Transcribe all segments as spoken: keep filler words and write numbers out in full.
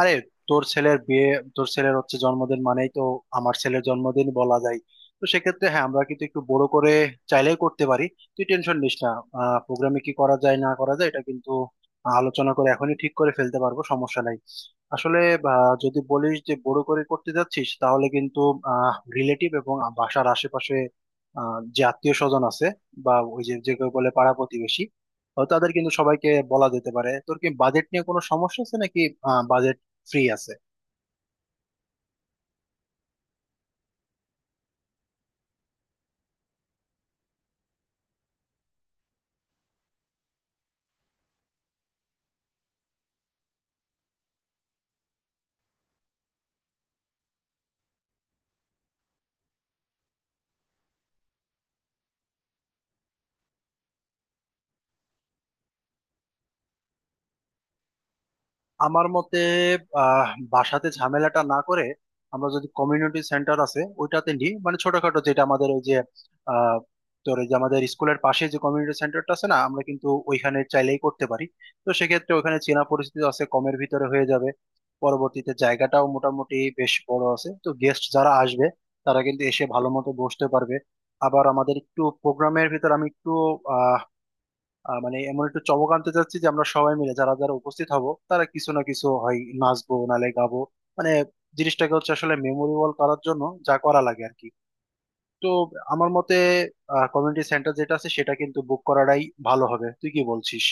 আরে, তোর ছেলের বিয়ে, তোর ছেলের হচ্ছে জন্মদিন মানেই তো আমার ছেলের জন্মদিন বলা যায়। তো সেক্ষেত্রে হ্যাঁ, আমরা কিন্তু একটু বড় করে চাইলেই করতে পারি। তুই টেনশন নিস না। আহ প্রোগ্রামে কি করা যায় না করা যায় এটা কিন্তু আলোচনা করে এখনই ঠিক করে ফেলতে পারবো, সমস্যা নাই। আসলে আহ, যদি বলিস যে বড় করে করতে যাচ্ছিস তাহলে কিন্তু আহ রিলেটিভ এবং বাসার আশেপাশে আহ যে আত্মীয় স্বজন আছে, বা ওই যে যে কেউ বলে পাড়া প্রতিবেশী, তো তাদের কিন্তু সবাইকে বলা যেতে পারে। তোর কি বাজেট নিয়ে কোনো সমস্যা আছে নাকি ফ্রি আছে? আমার মতে আহ বাসাতে ঝামেলাটা না করে আমরা যদি কমিউনিটি সেন্টার আছে ওইটাতে নিই, মানে ছোটখাটো যেটা আমাদের ওই যে আহ তোর ওই যে আমাদের স্কুলের পাশে যে কমিউনিটি সেন্টারটা আছে না, আমরা কিন্তু ওইখানে চাইলেই করতে পারি। তো সেক্ষেত্রে ওখানে চেনা পরিস্থিতি আছে, কমের ভিতরে হয়ে যাবে। পরবর্তীতে জায়গাটাও মোটামুটি বেশ বড় আছে, তো গেস্ট যারা আসবে তারা কিন্তু এসে ভালো মতো বসতে পারবে। আবার আমাদের একটু প্রোগ্রামের ভিতর আমি একটু আহ, মানে এমন একটা চমক আনতে চাচ্ছি যে আমরা সবাই মিলে যারা যারা উপস্থিত হব তারা কিছু না কিছু হয় নাচবো নালে গাবো, মানে জিনিসটাকে হচ্ছে আসলে মেমোরেবল করার জন্য যা করা লাগে আর কি। তো আমার মতে কমিউনিটি সেন্টার যেটা আছে সেটা কিন্তু বুক করাটাই ভালো হবে। তুই কি বলছিস?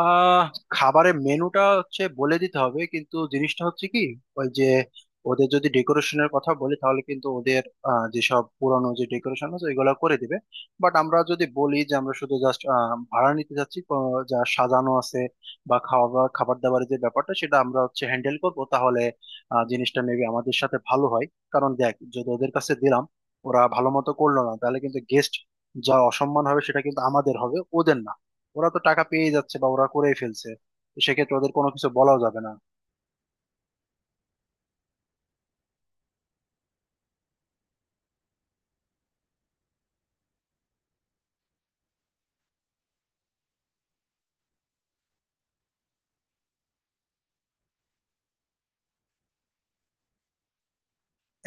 আহ খাবারের মেনুটা হচ্ছে বলে দিতে হবে, কিন্তু জিনিসটা হচ্ছে কি, ওই যে ওদের যদি ডেকোরেশনের কথা বলি তাহলে কিন্তু ওদের আহ, যেসব পুরানো যে ডেকোরেশন আছে এগুলো করে দিবে। বাট আমরা যদি বলি যে আমরা শুধু জাস্ট ভাড়া নিতে যাচ্ছি, তো যা সাজানো আছে, বা খাওয়া খাবার দাবারের যে ব্যাপারটা সেটা আমরা হচ্ছে হ্যান্ডেল করবো, তাহলে আহ, জিনিসটা মেবি আমাদের সাথে ভালো হয়। কারণ দেখ, যদি ওদের কাছে দিলাম, ওরা ভালো মতো করলো না, তাহলে কিন্তু গেস্ট যা অসম্মান হবে সেটা কিন্তু আমাদের হবে, ওদের না। ওরা তো টাকা পেয়ে যাচ্ছে বা ওরা করেই ফেলছে, তো সেক্ষেত্রে ওদের কোনো কিছু বলাও যাবে না।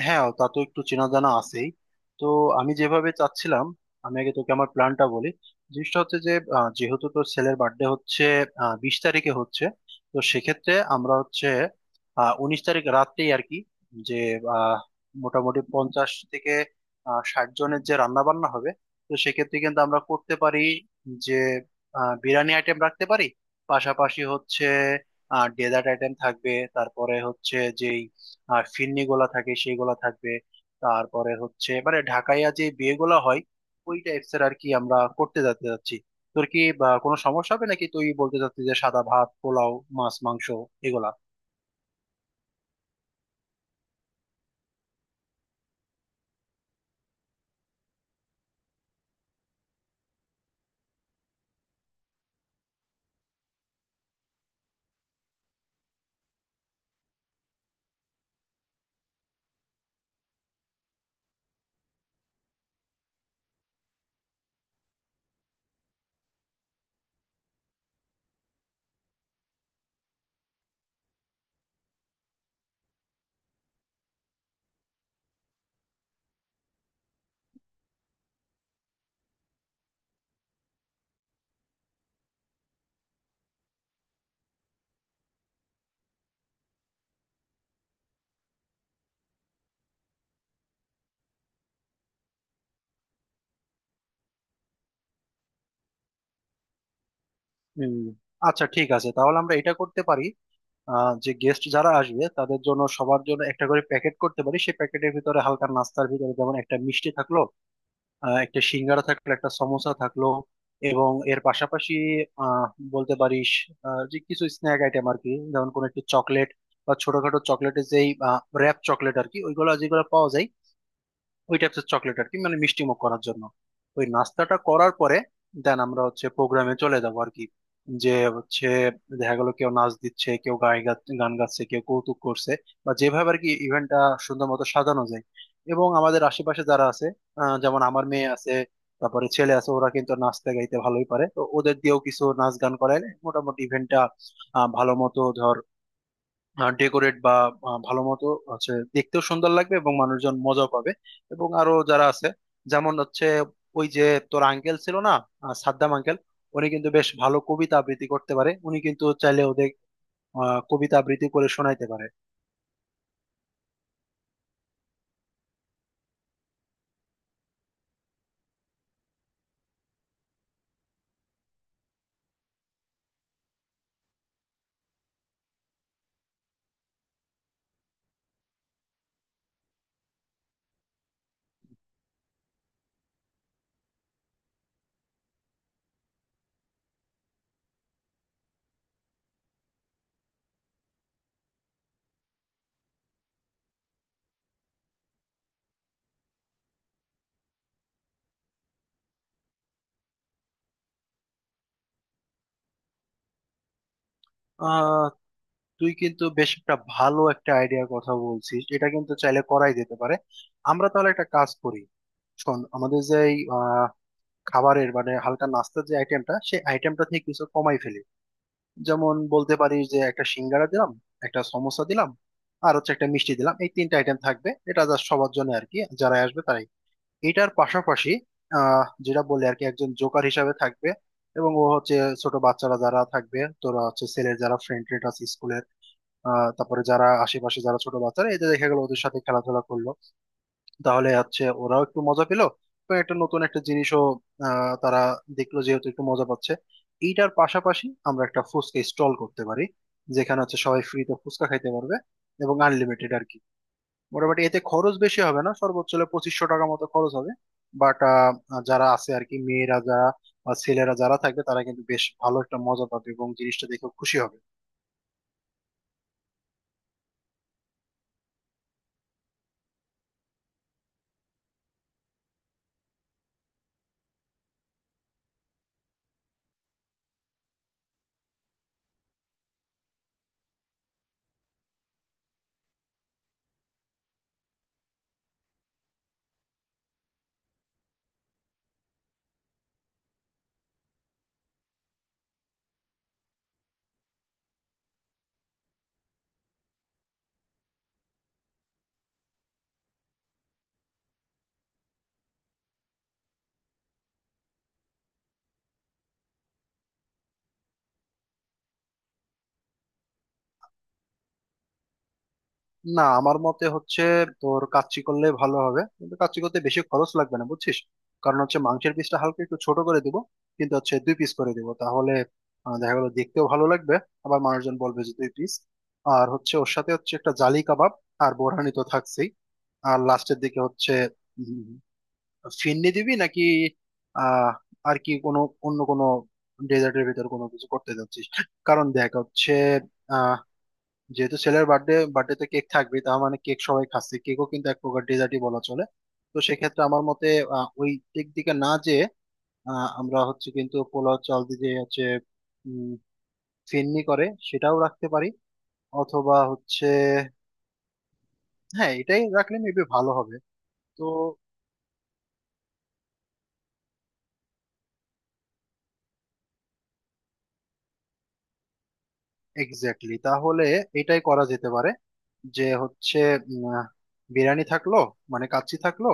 হ্যাঁ, তা তো একটু চেনা জানা আছেই। তো আমি যেভাবে চাচ্ছিলাম, আমি আগে তোকে আমার প্ল্যানটা বলি। জিনিসটা হচ্ছে যে আহ, যেহেতু তোর ছেলের বার্থডে হচ্ছে আহ, বিশ তারিখে হচ্ছে, তো সেক্ষেত্রে আমরা হচ্ছে আহ, উনিশ তারিখ রাত্রেই আর কি, যে আহ, মোটামুটি পঞ্চাশ থেকে আহ, ষাট জনের যে রান্না বান্না হবে, তো সেক্ষেত্রে কিন্তু আমরা করতে পারি যে আহ, বিরিয়ানি আইটেম রাখতে পারি। পাশাপাশি হচ্ছে ডেজার্ট আইটেম থাকবে, তারপরে হচ্ছে যেই আর ফিরনি গোলা থাকে সেই গোলা থাকবে। তারপরে হচ্ছে মানে ঢাকাইয়া যে বিয়ে গোলা হয়, ওই টাইপস এর আর কি আমরা করতে যেতে যাচ্ছি। তোর কি বা কোনো সমস্যা হবে নাকি? তুই বলতে চাচ্ছিস যে সাদা ভাত পোলাও, মাছ মাংস, এগুলা? হুম, আচ্ছা ঠিক আছে, তাহলে আমরা এটা করতে পারি। আহ, যে গেস্ট যারা আসবে তাদের জন্য সবার জন্য একটা করে প্যাকেট করতে পারি। সেই প্যাকেটের ভিতরে হালকা নাস্তার ভিতরে যেমন একটা মিষ্টি থাকলো, আহ, একটা সিঙ্গারা থাকলো, একটা সমোসা থাকলো, এবং এর পাশাপাশি আহ বলতে পারিস আহ, যে কিছু স্ন্যাক আইটেম আর কি, যেমন কোনো একটু চকলেট বা ছোটখাটো চকলেটের যেই র্যাপ চকলেট আর কি, ওইগুলো যেগুলো পাওয়া যায়, ওই টাইপের চকলেট আর কি, মানে মিষ্টিমুখ করার জন্য। ওই নাস্তাটা করার পরে দেন আমরা হচ্ছে প্রোগ্রামে চলে যাবো আর কি, যে হচ্ছে দেখা গেল কেউ নাচ দিচ্ছে, কেউ গাই গা- গান গাচ্ছে, কেউ কৌতুক করছে, বা যেভাবে আর কি ইভেন্টটা সুন্দর মতো সাজানো যায়। এবং আমাদের আশেপাশে যারা আছে আহ, যেমন আমার মেয়ে আছে, তারপরে ছেলে আছে, ওরা কিন্তু নাচতে গাইতে ভালোই পারে, তো ওদের দিয়েও কিছু নাচ গান করাইলে মোটামুটি ইভেন্টটা ভালো মতো ধর ডেকোরেট বা আহ, ভালো মতো হচ্ছে দেখতেও সুন্দর লাগবে এবং মানুষজন মজাও পাবে। এবং আরো যারা আছে, যেমন হচ্ছে ওই যে তোর আঙ্কেল ছিল না, আহ, সাদ্দাম আঙ্কেল, উনি কিন্তু বেশ ভালো কবিতা আবৃত্তি করতে পারে, উনি কিন্তু চাইলে ওদের আহ, কবিতা আবৃত্তি করে শোনাইতে পারে। আহ তুই কিন্তু বেশ একটা ভালো একটা আইডিয়ার কথা বলছিস, এটা কিন্তু চাইলে করাই যেতে পারে। আমরা তাহলে একটা কাজ করি, শোন। আমাদের যে এই, আহ, খাবারের মানে হালকা নাস্তার যে আইটেমটা, সেই আইটেমটা থেকে কিছু কমাই ফেলি। যেমন বলতে পারিস, যে একটা সিঙ্গারা দিলাম, একটা সমোসা দিলাম, আর হচ্ছে একটা মিষ্টি দিলাম, এই তিনটা আইটেম থাকবে। এটা জাস্ট সবার জন্য আর কি যারা আসবে তারাই। এটার পাশাপাশি আহ যেটা বললে আর কি একজন জোকার হিসাবে থাকবে। এবং ও হচ্ছে ছোট বাচ্চারা যারা থাকবে, তোরা হচ্ছে ছেলের যারা ফ্রেন্ড ট্রেন্ড আছে স্কুলের, আহ তারপরে যারা আশেপাশে যারা ছোট বাচ্চারা, এদের দেখা গেলো ওদের সাথে খেলাধুলা করলো, তাহলে হচ্ছে ওরাও একটু মজা পেলো এবং একটা নতুন একটা জিনিসও আহ, তারা দেখলো, যেহেতু একটু মজা পাচ্ছে। এইটার পাশাপাশি আমরা একটা ফুচকা স্টল করতে পারি, যেখানে হচ্ছে সবাই ফ্রিতে ফুচকা খাইতে পারবে এবং আনলিমিটেড আর কি। মোটামুটি এতে খরচ বেশি হবে না, সর্বোচ্চ হলে পঁচিশশো টাকা মতো খরচ হবে। বাট যারা আছে আর কি, মেয়েরা যারা বা ছেলেরা যারা থাকবে, তারা কিন্তু বেশ ভালো একটা মজা পাবে এবং জিনিসটা দেখে খুশি হবে। না, আমার মতে হচ্ছে তোর কাচ্চি করলে ভালো হবে, কিন্তু কাচ্চি করতে বেশি খরচ লাগবে না বুঝছিস। কারণ হচ্ছে মাংসের পিসটা হালকা একটু ছোট করে দিব, কিন্তু হচ্ছে দুই পিস করে দিব, তাহলে আহ, দেখা গেলো দেখতেও ভালো লাগবে, আবার মানুষজন বলবে যে দুই পিস। আর হচ্ছে ওর সাথে হচ্ছে একটা জালি কাবাব, আর বোরহানি তো থাকছেই। আর লাস্টের দিকে হচ্ছে উম, ফিরনি দিবি নাকি? আহ আর কি কোনো অন্য কোনো ডেজার্টের ভিতর কোনো কিছু করতে যাচ্ছিস? কারণ দেখ হচ্ছে, যেহেতু ছেলের বার্থডে বার্থডে তে কেক থাকবে, তার মানে কেক সবাই খাচ্ছে, কেকও কিন্তু এক প্রকার ডেজার্টই বলা চলে। তো সেক্ষেত্রে আমার মতে আহ, ওই কেক দিকে না যে আমরা হচ্ছে কিন্তু পোলাও চাল দিয়ে যে হচ্ছে উম, ফেননি করে সেটাও রাখতে পারি। অথবা হচ্ছে হ্যাঁ, এটাই রাখলে মেবি ভালো হবে। তো এক্স্যাক্টলি, তাহলে এটাই করা যেতে পারে। যে হচ্ছে উম, আহ, বিরিয়ানি থাকলো, মানে কাচ্চি থাকলো,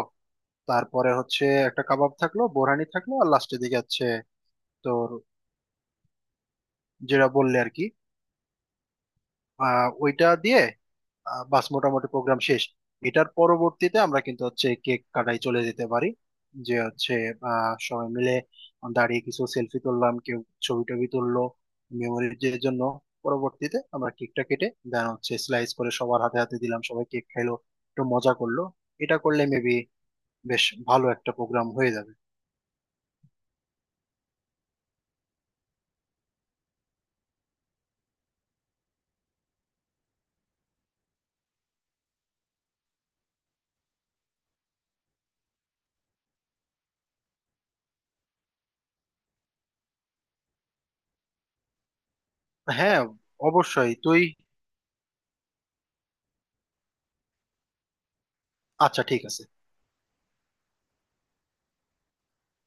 তারপরে হচ্ছে একটা কাবাব থাকলো, বোরহানি থাকলো, আর লাস্টের দিকে আছে যেটা বললে আর কি আহ, ওইটা দিয়ে আহ, বাস মোটামুটি প্রোগ্রাম শেষ। এটার পরবর্তীতে আমরা কিন্তু হচ্ছে কেক কাটাই চলে যেতে পারি, যে হচ্ছে আহ, সবাই মিলে দাঁড়িয়ে কিছু সেলফি তুললাম, কেউ ছবি টবি তুললো মেমোরির জন্য। পরবর্তীতে আমরা কেকটা কেটে দেন হচ্ছে স্লাইস করে সবার হাতে হাতে দিলাম, সবাই কেক খাইলো, একটু মজা করলো। এটা করলে মেবি বেশ ভালো একটা প্রোগ্রাম হয়ে যাবে। হ্যাঁ, অবশ্যই তুই, আচ্ছা ঠিক আছে।